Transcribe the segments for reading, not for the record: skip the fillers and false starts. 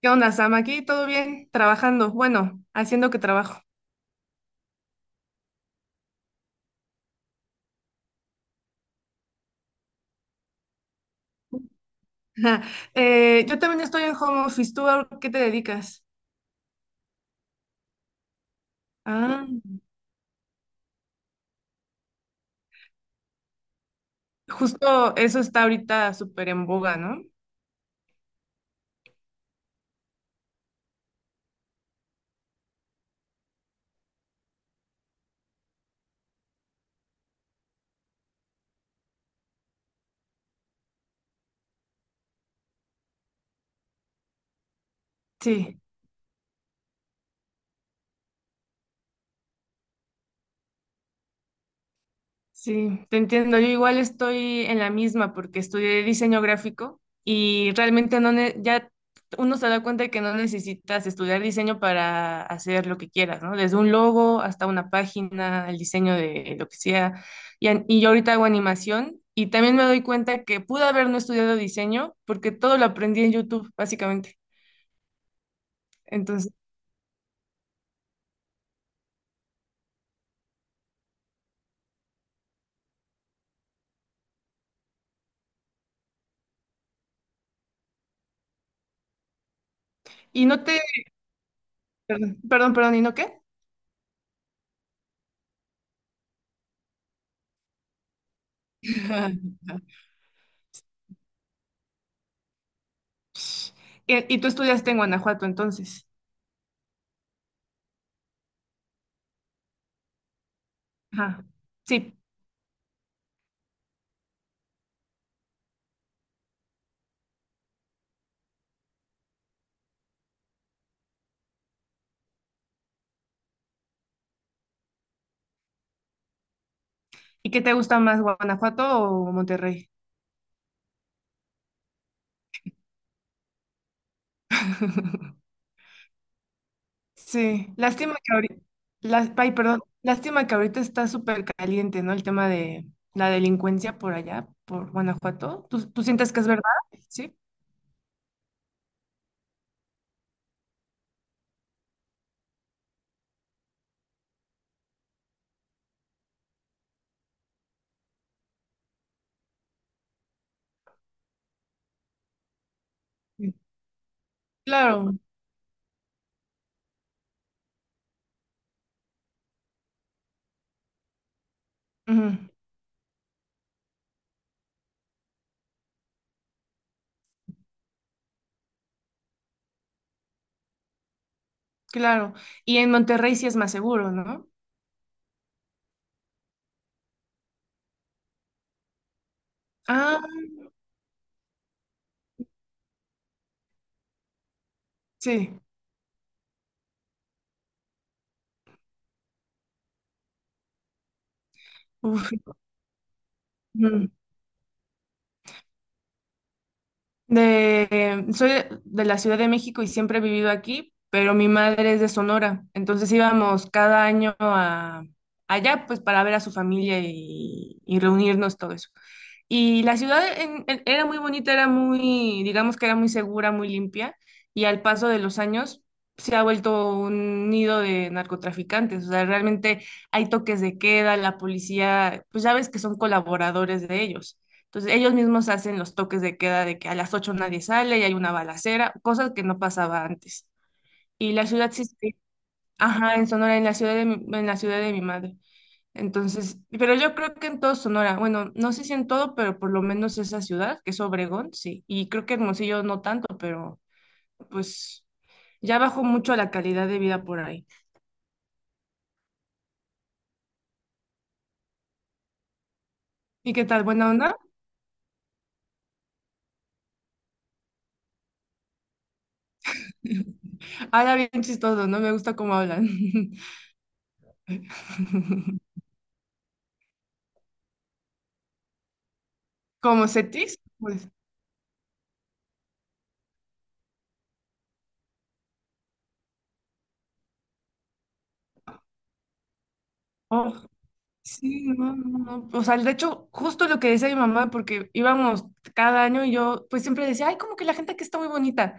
¿Qué onda, Sam? Aquí todo bien, trabajando, bueno, haciendo que trabajo. Yo también estoy en home office. ¿Tú a qué te dedicas? Ah, justo eso está ahorita súper en boga, ¿no? Sí. Sí, te entiendo. Yo igual estoy en la misma porque estudié diseño gráfico y realmente no ne- ya uno se da cuenta de que no necesitas estudiar diseño para hacer lo que quieras, ¿no? Desde un logo hasta una página, el diseño de lo que sea. Y, y yo ahorita hago animación y también me doy cuenta que pude haber no estudiado diseño porque todo lo aprendí en YouTube, básicamente. Entonces, y no te, perdón, perdón, perdón, ¿y no qué? Y, y tú estudiaste en Guanajuato, entonces. Ajá, sí. ¿Y qué te gusta más, Guanajuato o Monterrey? Sí, lástima que ahorita, ay, perdón, lástima que ahorita está súper caliente, ¿no? El tema de la delincuencia por allá, por Guanajuato. ¿Tú sientes que es verdad? Sí. Sí. Claro, ujú, claro. Y en Monterrey sí es más seguro, ¿no? Ah, sí. Uf, ujú. De, soy de la Ciudad de México y siempre he vivido aquí, pero mi madre es de Sonora, entonces íbamos cada año a, allá pues para ver a su familia y reunirnos, todo eso. Y la ciudad era muy bonita, era muy, digamos que era muy segura, muy limpia, y al paso de los años se ha vuelto un nido de narcotraficantes, o sea, realmente hay toques de queda, la policía, pues ya ves que son colaboradores de ellos. Entonces ellos mismos hacen los toques de queda de que a las 8 nadie sale y hay una balacera, cosas que no pasaba antes. Y la ciudad sí, sí, ajá, en Sonora, en la ciudad de, en la ciudad de mi madre. Entonces, pero yo creo que en todo Sonora, bueno, no sé si en todo, pero por lo menos esa ciudad, que es Obregón, sí. Y creo que Hermosillo no tanto, pero pues ya bajó mucho la calidad de vida por ahí. ¿Y qué tal? ¿Buena onda? Ahora bien chistoso, ¿no? Me gusta cómo hablan. Como Cetis, pues. Oh, sí, no, no, no. O sea, de hecho, justo lo que decía mi mamá, porque íbamos cada año y yo pues siempre decía, ay, como que la gente aquí está muy bonita.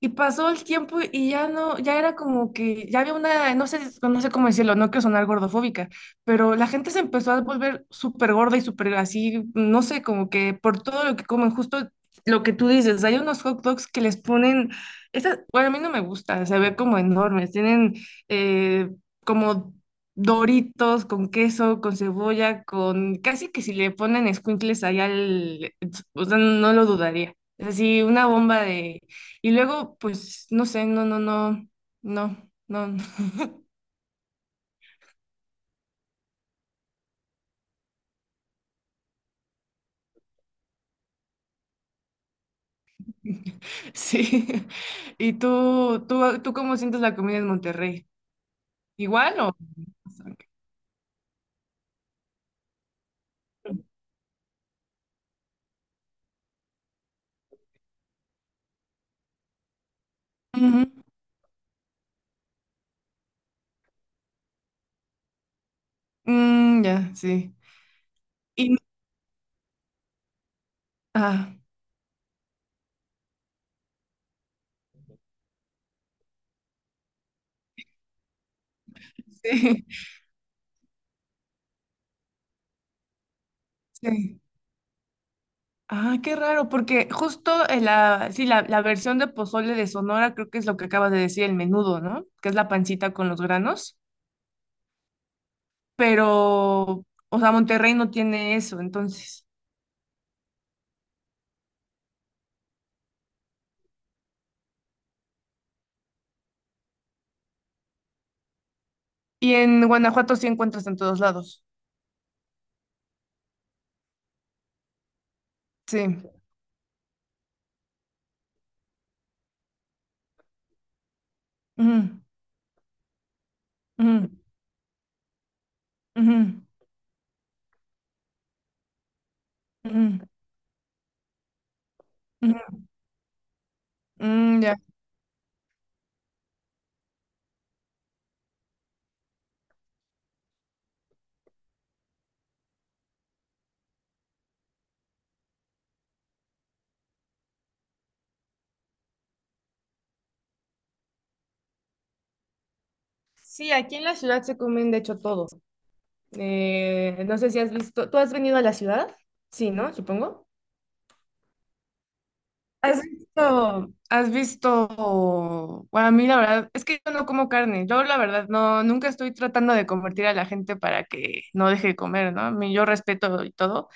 Y pasó el tiempo y ya no, ya era como que, ya había una, no sé, no sé cómo decirlo, no quiero sonar gordofóbica, pero la gente se empezó a volver súper gorda y súper así, no sé, como que por todo lo que comen, justo lo que tú dices, hay unos hot dogs que les ponen, esas, bueno, a mí no me gusta, se ve como enormes, tienen eh, como Doritos con queso, con cebolla, con, casi que si le ponen escuincles allá, al, o sea, no lo dudaría, es así, una bomba y luego, pues, no sé, no, no, no, no, no, no. Sí. ¿Y tú cómo sientes la comida en Monterrey? ¿Igual o? Ujú. Mm, ya, sí. Y, no, ah, sí, sí. Ah, qué raro, porque justo en la, sí, la versión de pozole de Sonora creo que es lo que acabas de decir, el menudo, ¿no? Que es la pancita con los granos, pero, o sea, Monterrey no tiene eso, entonces. Y en Guanajuato sí encuentras en todos lados. Sí. Ujú, ujú, ujú, ujú, ujú. Mm, ya. Sí, aquí en la ciudad se comen de hecho todo. No sé si has visto, ¿tú has venido a la ciudad? Sí, ¿no? Supongo. Bueno, a mí la verdad es que yo no como carne, yo la verdad no, nunca estoy tratando de convertir a la gente para que no deje de comer, ¿no? A mí- Yo respeto y todo,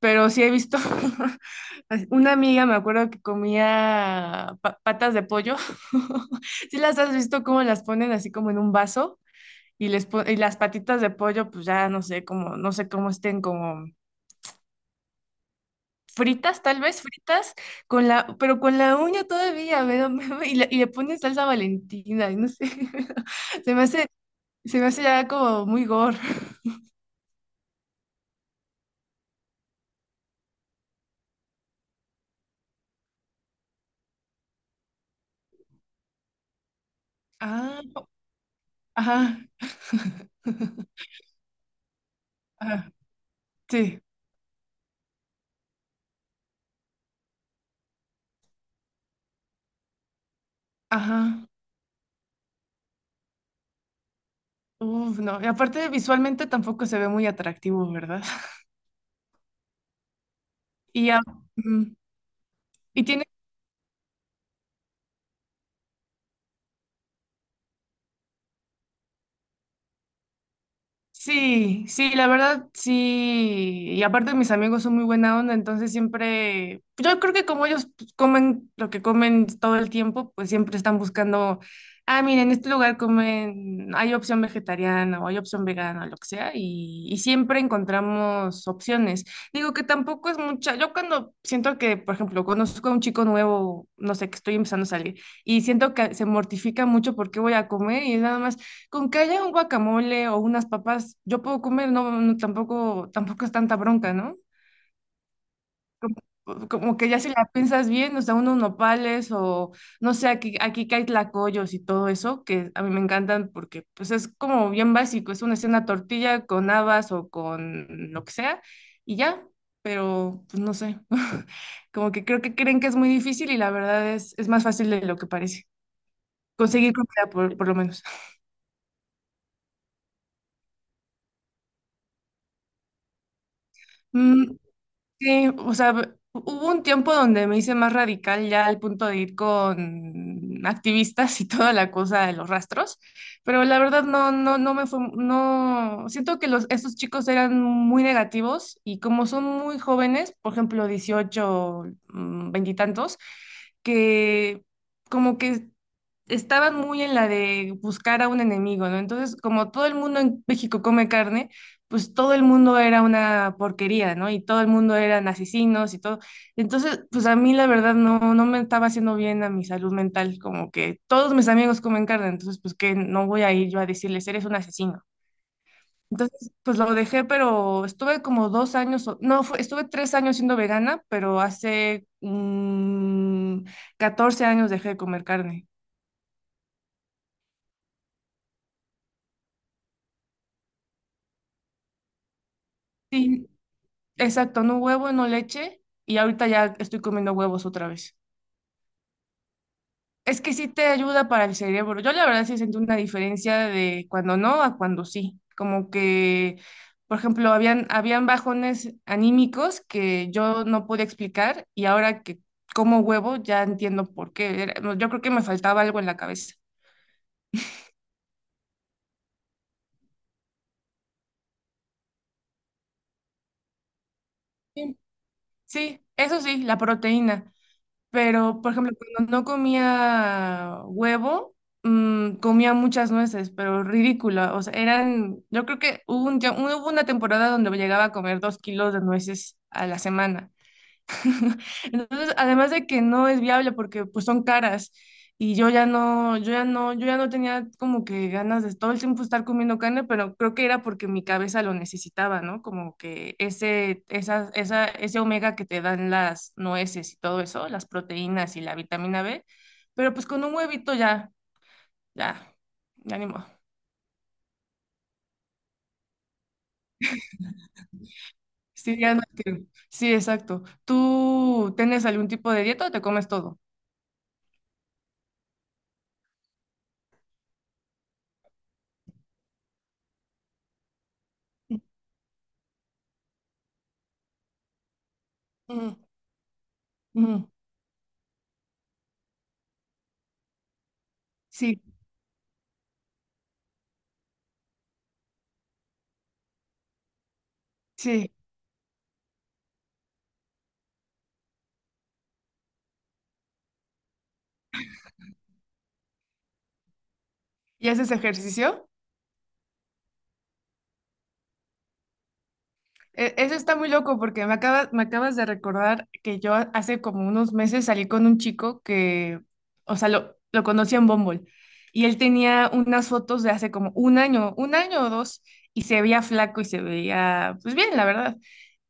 pero sí he visto, una amiga me acuerdo que comía patas de pollo, sí las has visto cómo las ponen así como en un vaso y, y las patitas de pollo pues ya no sé cómo, no sé cómo estén como fritas tal vez, fritas, con la, pero con la uña todavía, me da- y le ponen salsa Valentina y no sé, se me hace, se me hace ya como muy gore. Ah, ajá, ajá, sí, ajá. Uf, no. Y aparte visualmente tampoco se ve muy atractivo, ¿verdad? Y, ya, ujú. Y tiene sí, sí, la verdad sí. Y aparte mis amigos son muy buena onda, entonces siempre, yo creo que como ellos pues, comen lo que comen todo el tiempo, pues siempre están buscando, ah, miren, en este lugar comen, hay opción vegetariana o hay opción vegana, lo que sea, y siempre encontramos opciones. Digo que tampoco es mucha, yo cuando siento que, por ejemplo, conozco a un chico nuevo, no sé, que estoy empezando a salir, y siento que se mortifica mucho porque voy a comer y es nada más. Con que haya un guacamole o unas papas, yo puedo comer, no, no, tampoco, tampoco es tanta bronca, ¿no? Como que ya si la piensas bien, o sea, unos nopales o no sé, aquí, aquí que hay tlacoyos y todo eso, que a mí me encantan porque pues es como bien básico, es una escena tortilla con habas o con lo que sea y ya, pero pues no sé, como que creo que creen que es muy difícil y la verdad es más fácil de lo que parece, conseguir comida por lo menos. Mm, sí, o sea, hubo un tiempo donde me hice más radical ya al punto de ir con activistas y toda la cosa de los rastros, pero la verdad no, no, no me fue, no, siento que los, estos chicos eran muy negativos y como son muy jóvenes, por ejemplo, 18, mm, 20 y tantos, que como que estaban muy en la de buscar a un enemigo, ¿no? Entonces, como todo el mundo en México come carne, pues todo el mundo era una porquería, ¿no? Y todo el mundo eran asesinos y todo. Entonces, pues a mí la verdad no, no me estaba haciendo bien a mi salud mental, como que todos mis amigos comen carne, entonces pues que no voy a ir yo a decirles, eres un asesino. Entonces, pues lo dejé, pero estuve como dos años, no, estuve tres años siendo vegana, pero hace 14 años dejé de comer carne. Sí, exacto, no huevo, no leche y ahorita ya estoy comiendo huevos otra vez. Es que sí te ayuda para el cerebro. Yo la verdad sí sentí una diferencia de cuando no a cuando sí. Como que, por ejemplo, habían bajones anímicos que yo no podía explicar y ahora que como huevo ya entiendo por qué. Era- yo creo que me faltaba algo en la cabeza. Sí, sí, eso sí, la proteína. Pero, por ejemplo, cuando no comía huevo, comía muchas nueces, pero ridícula. O sea, eran, yo creo que hubo un, hubo una temporada donde llegaba a comer dos kilos de nueces a la semana. Entonces, además de que no es viable porque pues son caras y yo ya no tenía como que ganas de todo el tiempo estar comiendo carne, pero creo que era porque mi cabeza lo necesitaba, ¿no? Como que ese omega que te dan las nueces y todo eso, las proteínas y la vitamina B, pero pues con un huevito ya, ya, ya ni modo. Sí, ya no te- sí, exacto. ¿Tú tienes algún tipo de dieta o te comes todo? Ujú, ujú. Sí, sí. ¿Y haces ejercicio? Eso está muy loco porque me acabas de recordar que yo hace como unos meses salí con un chico que, o sea, lo conocí en Bumble y él tenía unas fotos de hace como un año o dos y se veía flaco y se veía, pues bien, la verdad.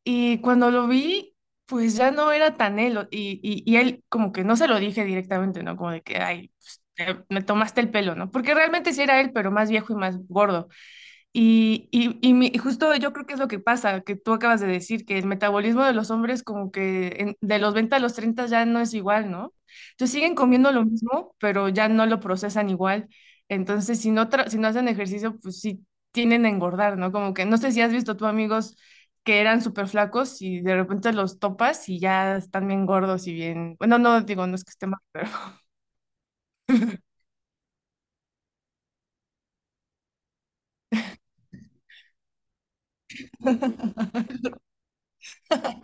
Y cuando lo vi, pues ya no era tan él y él como que no se lo dije directamente, ¿no? Como de que, ay, pues, me tomaste el pelo, ¿no? Porque realmente sí era él, pero más viejo y más gordo. Y justo yo creo que es lo que pasa, que tú acabas de decir, que el metabolismo de los hombres como que de los 20 a los 30 ya no es igual, ¿no? Entonces siguen comiendo lo mismo, pero ya no lo procesan igual. Entonces, si no, si no hacen ejercicio, pues sí tienden a engordar, ¿no? Como que no sé si has visto tú amigos que eran súper flacos y de repente los topas y ya están bien gordos y bien... Bueno, no digo, no es que esté mal, pero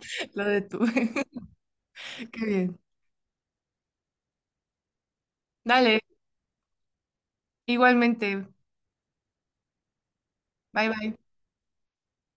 lo de tú. Qué bien. Dale, igualmente. Bye, bye.